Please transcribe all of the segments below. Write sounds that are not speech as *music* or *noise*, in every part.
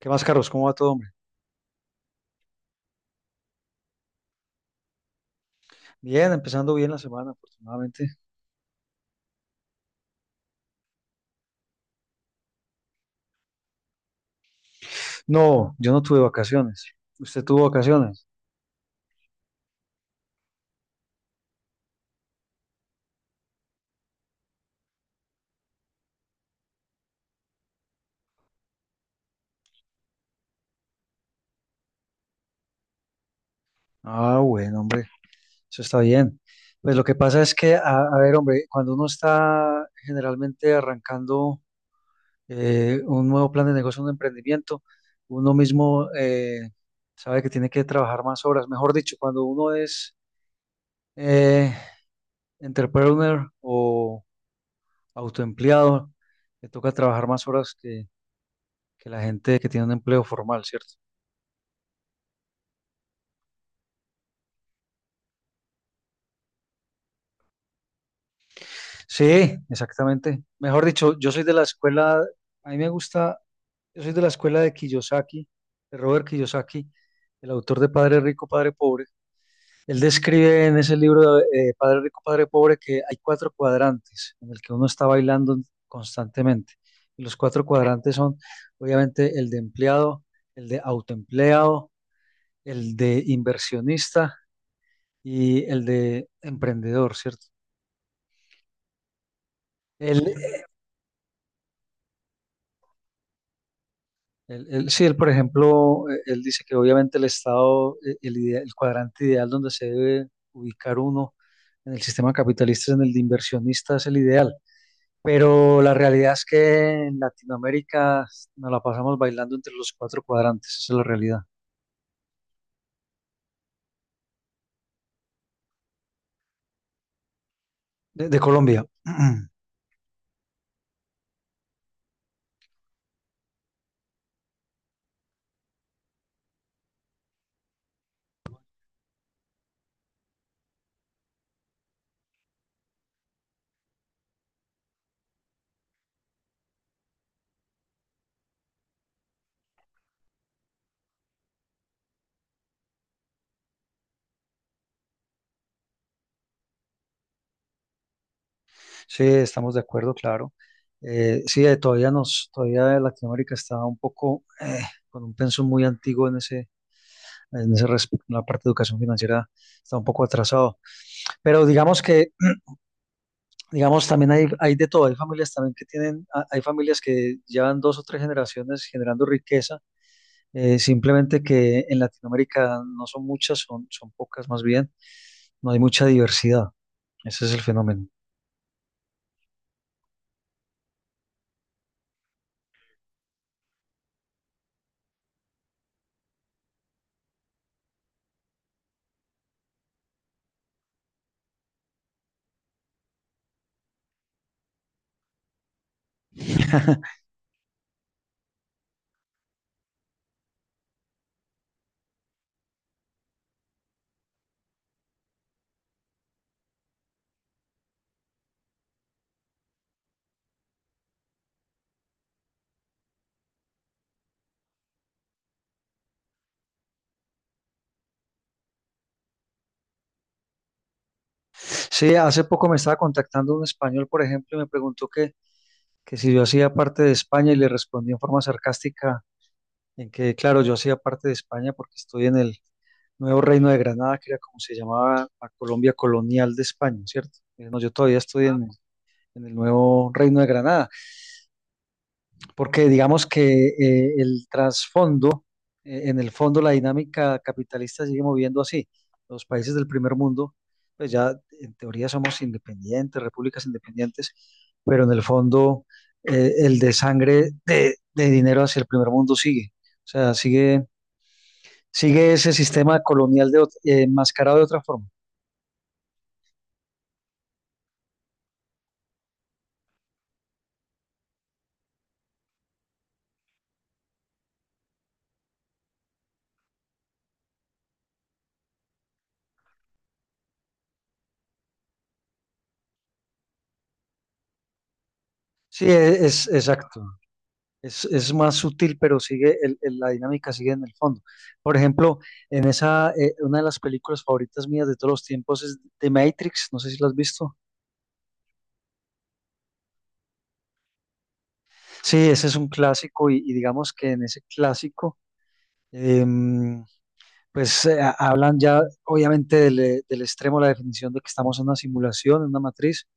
¿Qué más, Carlos? ¿Cómo va todo, hombre? Bien, empezando bien la semana, afortunadamente. No, yo no tuve vacaciones. ¿Usted tuvo vacaciones? Ah, bueno, hombre, eso está bien. Pues lo que pasa es que, a ver, hombre, cuando uno está generalmente arrancando un nuevo plan de negocio, un emprendimiento, uno mismo sabe que tiene que trabajar más horas. Mejor dicho, cuando uno es eh, entrepreneur o autoempleado, le toca trabajar más horas que la gente que tiene un empleo formal, ¿cierto? Sí, exactamente. Mejor dicho, yo soy de la escuela, a mí me gusta, yo soy de la escuela de Kiyosaki, de Robert Kiyosaki, el autor de Padre Rico, Padre Pobre. Él describe en ese libro Padre Rico, Padre Pobre que hay cuatro cuadrantes en el que uno está bailando constantemente. Y los cuatro cuadrantes son, obviamente, el de empleado, el de autoempleado, el de inversionista y el de emprendedor, ¿cierto? Él, él, sí, él, por ejemplo, él dice que obviamente el cuadrante ideal donde se debe ubicar uno en el sistema capitalista, en el de inversionista, es el ideal. Pero la realidad es que en Latinoamérica nos la pasamos bailando entre los cuatro cuadrantes, esa es la realidad. De Colombia. *clears throat* Sí, estamos de acuerdo, claro. Sí, todavía Latinoamérica está un poco con un pensum muy antiguo en ese respecto, en la parte de educación financiera está un poco atrasado. Pero digamos, también hay de todo. Hay familias también que hay familias que llevan dos o tres generaciones generando riqueza, simplemente que en Latinoamérica no son muchas, son pocas más bien, no hay mucha diversidad. Ese es el fenómeno. *laughs* Sí, hace poco me estaba contactando un español, por ejemplo, y me preguntó que si yo hacía parte de España y le respondí en forma sarcástica en que, claro, yo hacía parte de España porque estoy en el Nuevo Reino de Granada, que era como se llamaba la Colombia colonial de España, ¿cierto? No, yo todavía estoy en el Nuevo Reino de Granada, porque digamos que en el fondo la dinámica capitalista sigue moviendo así. Los países del primer mundo, pues ya en teoría somos independientes, repúblicas independientes, pero en el fondo el desangre de dinero hacia el primer mundo sigue. O sea, sigue ese sistema colonial enmascarado de otra forma. Sí, es, exacto. Es más sutil, pero sigue la dinámica sigue en el fondo. Por ejemplo, una de las películas favoritas mías de todos los tiempos es The Matrix, no sé si lo has visto. Sí, ese es un clásico y digamos que en ese clásico, em, pues hablan ya obviamente del extremo, la definición de que estamos en una simulación, en una matriz,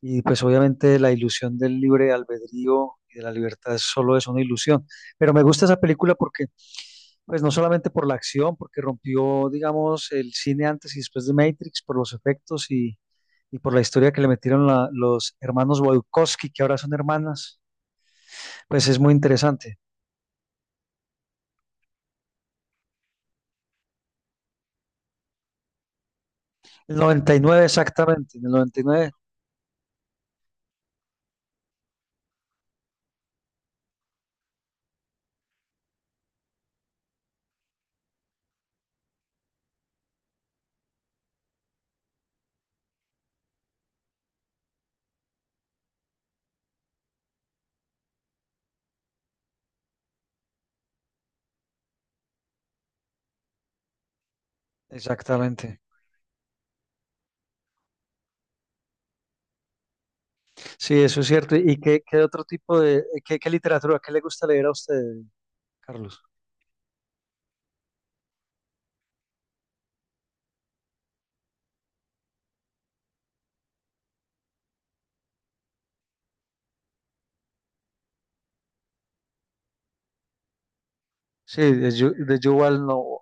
y pues obviamente la ilusión del libre albedrío y de la libertad es solo es una ilusión. Pero me gusta esa película porque pues no solamente por la acción, porque rompió, digamos, el cine antes y después de Matrix, por los efectos y por la historia que le metieron los hermanos Wachowski, que ahora son hermanas, pues es muy interesante. El 99, exactamente, en el 99, exactamente. Sí, eso es cierto. ¿Y qué otro tipo qué literatura, qué le gusta leer a usted, Carlos? Sí, de Yuval Noah.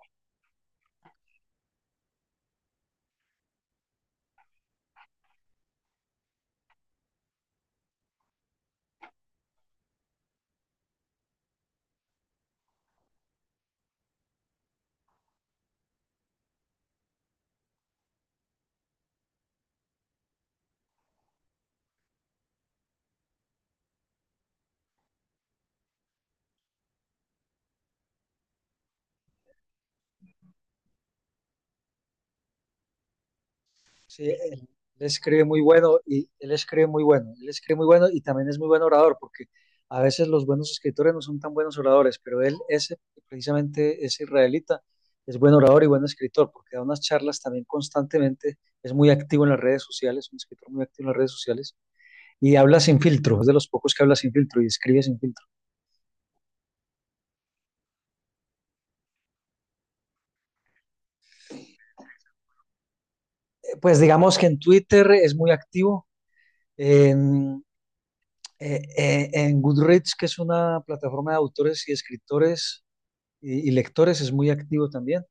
Sí, él escribe muy bueno y él escribe muy bueno, él escribe muy bueno y también es muy buen orador, porque a veces los buenos escritores no son tan buenos oradores, pero precisamente ese israelita, es buen orador y buen escritor, porque da unas charlas también constantemente, es muy activo en las redes sociales, un escritor muy activo en las redes sociales, y habla sin filtro, es de los pocos que habla sin filtro y escribe sin filtro. Pues digamos que en Twitter es muy activo, en, en Goodreads, que es una plataforma de autores y escritores, y lectores es muy activo también.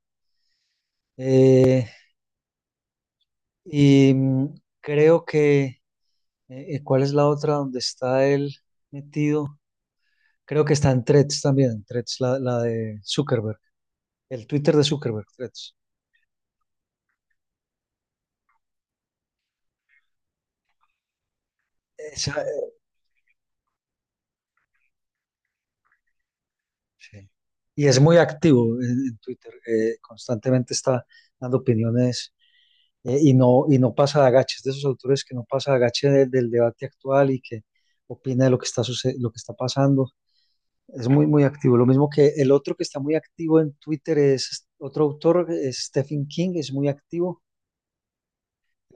Eh, y mm, Creo que, ¿cuál es la otra donde está él metido? Creo que está en Threads también, en Threads, la de Zuckerberg, el Twitter de Zuckerberg, Threads. Esa, eh, sí. Y es muy activo en Twitter, constantemente está dando opiniones y no pasa de agache, es de esos autores que no pasa de agache del debate actual y que opina de lo que está pasando. Es muy, muy activo. Lo mismo que el otro que está muy activo en Twitter es otro autor, es Stephen King, es muy activo.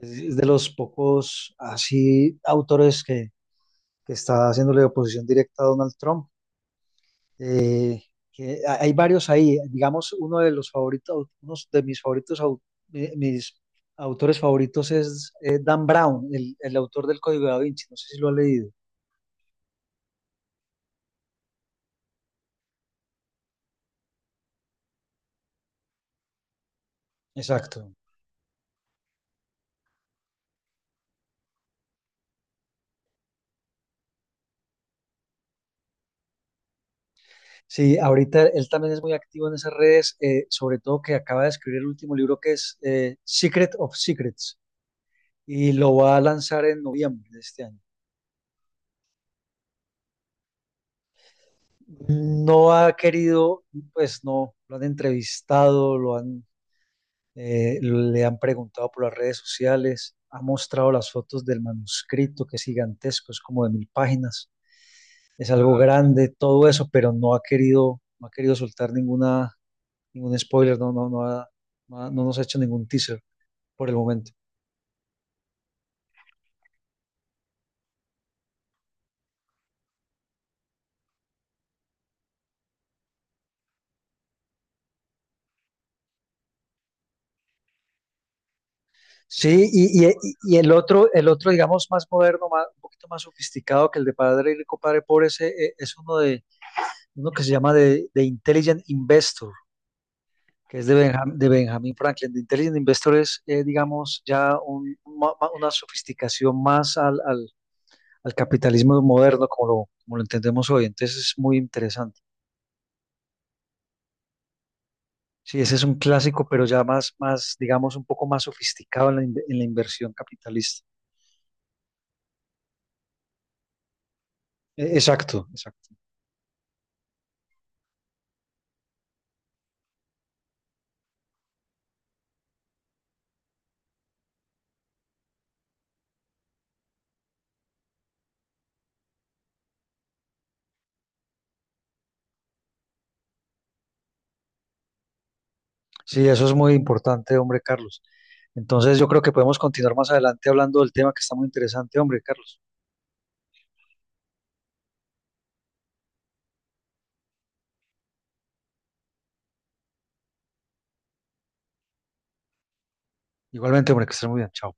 Es de los pocos así autores que está haciéndole oposición directa a Donald Trump. Eh, que hay varios ahí. Digamos, uno de los favoritos, uno de mis favoritos, mis autores favoritos es Dan Brown, el autor del Código da Vinci. No sé si lo ha leído. Exacto. Sí, ahorita él también es muy activo en esas redes, sobre todo que acaba de escribir el último libro que es Secret of Secrets y lo va a lanzar en noviembre de este año. No ha querido, pues no, lo han entrevistado, le han preguntado por las redes sociales, ha mostrado las fotos del manuscrito que es gigantesco, es como de mil páginas, es algo Wow, grande, todo eso, pero no ha querido, no ha querido soltar ningún spoiler, no nos ha hecho ningún teaser por el momento. Sí, y el otro, digamos, más moderno, más, un poquito más sofisticado que el de Padre Rico, Padre Pobre, es uno que se llama de Intelligent Investor, que es de Benjamin Franklin. De Intelligent Investor es, digamos, ya una sofisticación más al capitalismo moderno, como lo entendemos hoy. Entonces es muy interesante. Sí, ese es un clásico, pero ya más, más, digamos, un poco más sofisticado en la inversión capitalista. Exacto, exacto. Sí, eso es muy importante, hombre, Carlos. Entonces, yo creo que podemos continuar más adelante hablando del tema que está muy interesante, hombre, Carlos. Igualmente, hombre, que estés muy bien. Chao.